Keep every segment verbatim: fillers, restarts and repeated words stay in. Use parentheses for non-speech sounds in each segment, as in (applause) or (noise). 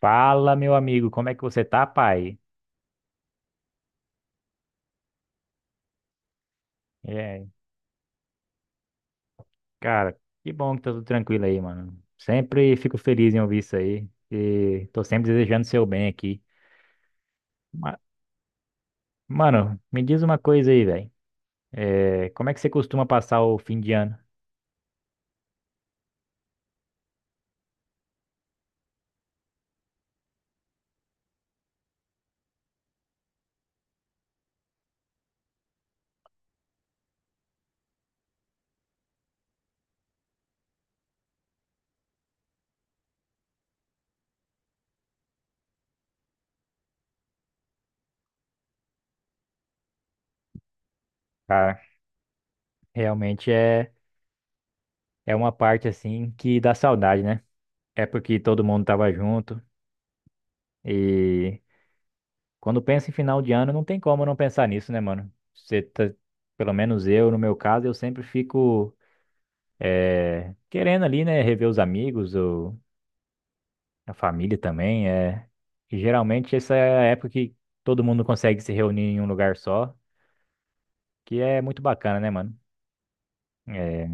Fala, meu amigo, como é que você tá, pai? É, cara, que bom que tá tudo tranquilo aí, mano. Sempre fico feliz em ouvir isso aí e tô sempre desejando seu bem aqui. Ma- Mano, me diz uma coisa aí, velho. É, como é que você costuma passar o fim de ano? Cara, realmente é, é uma parte assim que dá saudade, né? É porque todo mundo tava junto e quando pensa em final de ano não tem como não pensar nisso, né, mano? Você tá, pelo menos eu, no meu caso, eu sempre fico. É, querendo ali, né, rever os amigos, ou a família também, é. E geralmente essa é a época que todo mundo consegue se reunir em um lugar só, que é muito bacana, né, mano? É,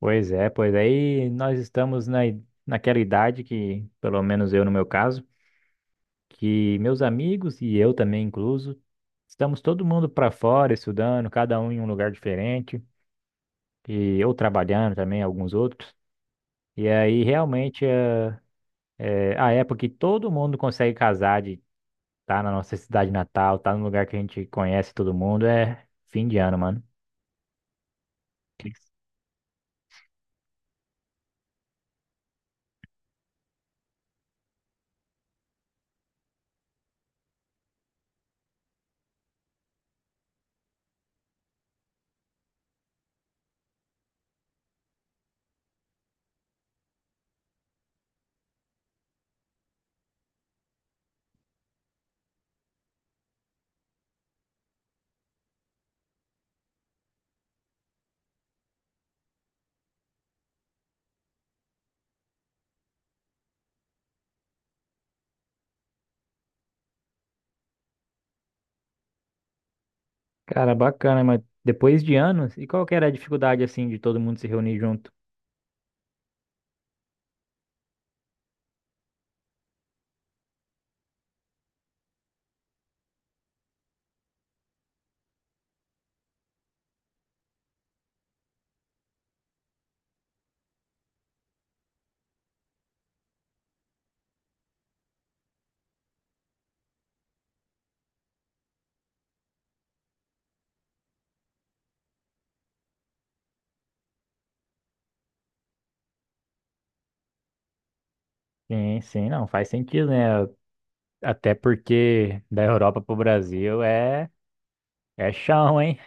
pois é, pois aí nós estamos na, i- naquela idade que, pelo menos eu no meu caso, que meus amigos e eu também incluso, estamos todo mundo para fora estudando, cada um em um lugar diferente, e eu trabalhando também, alguns outros. E aí realmente é a época que todo mundo consegue casar, de tá na nossa cidade natal, tá no lugar que a gente conhece todo mundo, é fim de ano, mano. Que- Cara, bacana, mas depois de anos, e qual que era a dificuldade, assim, de todo mundo se reunir junto? Sim, sim, não, faz sentido, né? Até porque da Europa pro Brasil é, é chão, hein?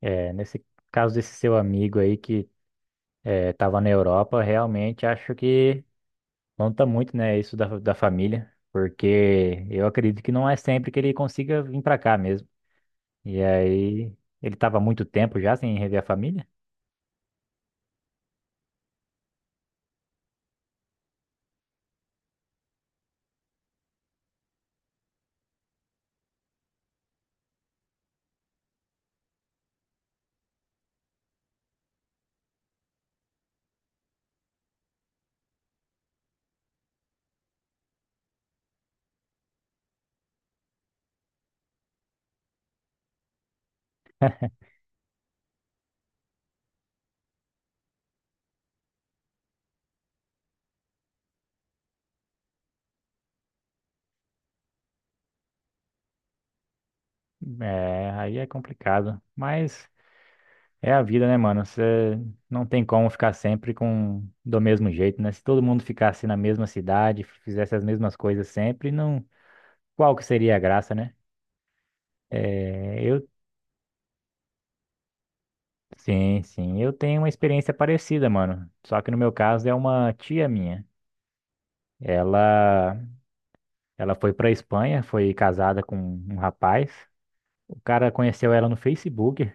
É, nesse caso desse seu amigo aí que é, tava na Europa, realmente acho que conta muito, né, isso da, da família, porque eu acredito que não é sempre que ele consiga vir pra cá mesmo. E aí, ele tava há muito tempo já sem rever a família? É, aí é complicado. Mas é a vida, né, mano? Você não tem como ficar sempre com do mesmo jeito, né? Se todo mundo ficasse na mesma cidade, fizesse as mesmas coisas sempre, não, qual que seria a graça, né? É, eu sim, sim, eu tenho uma experiência parecida, mano. Só que no meu caso é uma tia minha. Ela Ela foi para Espanha, foi casada com um rapaz. O cara conheceu ela no Facebook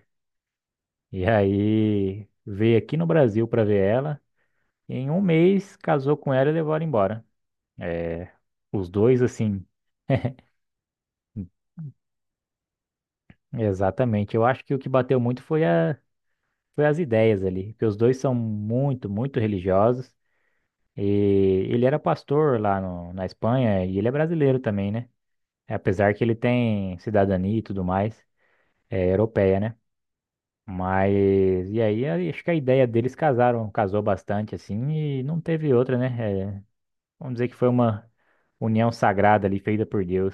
e aí veio aqui no Brasil para ver ela. E em um mês casou com ela e levou ela embora. É, os dois assim, exatamente. Eu acho que o que bateu muito foi a foi as ideias ali, porque os dois são muito, muito religiosos. E ele era pastor lá no- na Espanha e ele é brasileiro também, né? Apesar que ele tem cidadania e tudo mais, é europeia, né? Mas, e aí, a- acho que a ideia deles casaram, casou bastante, assim, e não teve outra, né? É, vamos dizer que foi uma união sagrada ali, feita por Deus.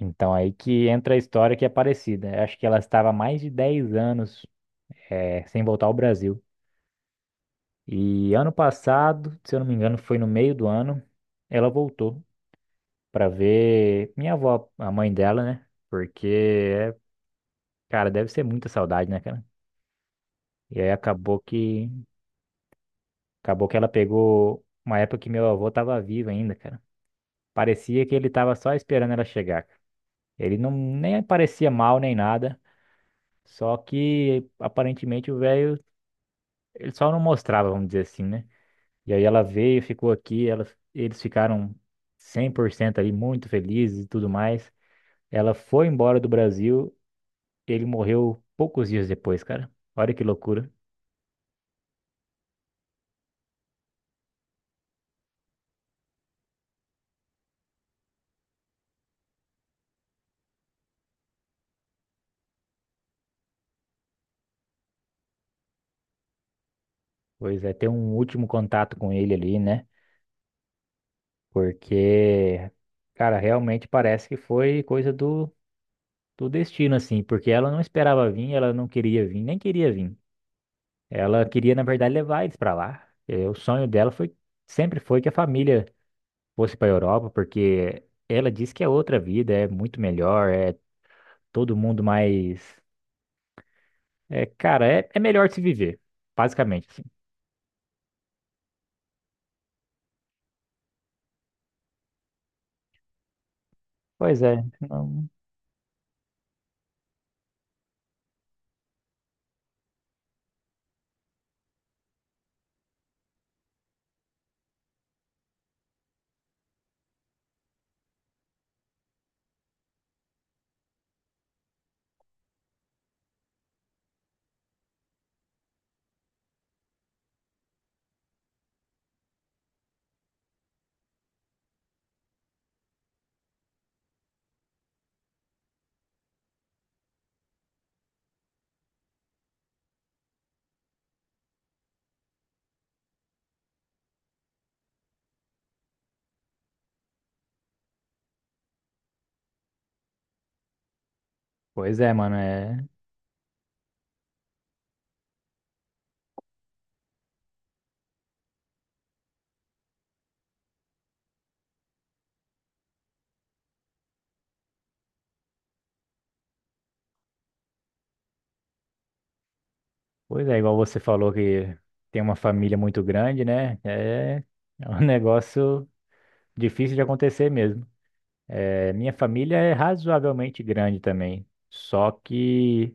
Então, aí que entra a história que é parecida. Eu Acho que ela estava há mais de dez anos, é, sem voltar ao Brasil. E ano passado, se eu não me engano, foi no meio do ano, ela voltou para ver minha avó, a mãe dela, né? Porque, é, cara, deve ser muita saudade, né, cara? E aí acabou que acabou que ela pegou uma época que meu avô tava vivo ainda, cara. Parecia que ele tava só esperando ela chegar, cara. Ele não nem parecia mal nem nada, só que aparentemente o velho, ele só não mostrava, vamos dizer assim, né? E aí ela veio, ficou aqui, ela, eles ficaram cem por cento ali muito felizes e tudo mais. Ela foi embora do Brasil, ele morreu poucos dias depois, cara. Olha que loucura. Pois é, ter um último contato com ele ali, né? Porque, cara, realmente parece que foi coisa do, do destino, assim, porque ela não esperava vir, ela não queria vir, nem queria vir. Ela queria, na verdade, levar eles pra lá. Eh, o sonho dela foi, sempre foi que a família fosse pra Europa, porque ela diz que é outra vida, é muito melhor, é todo mundo mais. É, cara, é, é melhor de se viver, basicamente, assim. Pois é, não- pois é, mano, é pois é, igual você falou que tem uma família muito grande, né? É, é um (laughs) negócio difícil de acontecer mesmo. É, minha família é razoavelmente grande também, só que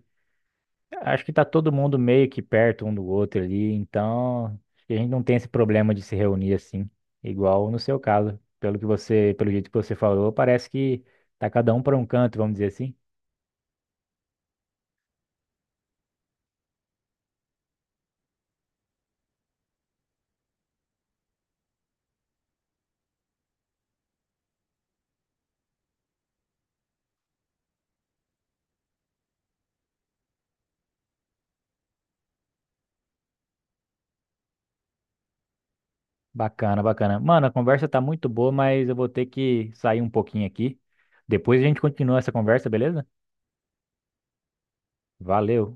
acho que tá todo mundo meio que perto um do outro ali, então acho que a gente não tem esse problema de se reunir assim, igual no seu caso. Pelo que você, pelo jeito que você falou, parece que tá cada um para um canto, vamos dizer assim. Bacana, bacana. Mano, a conversa tá muito boa, mas eu vou ter que sair um pouquinho aqui. Depois a gente continua essa conversa, beleza? Valeu.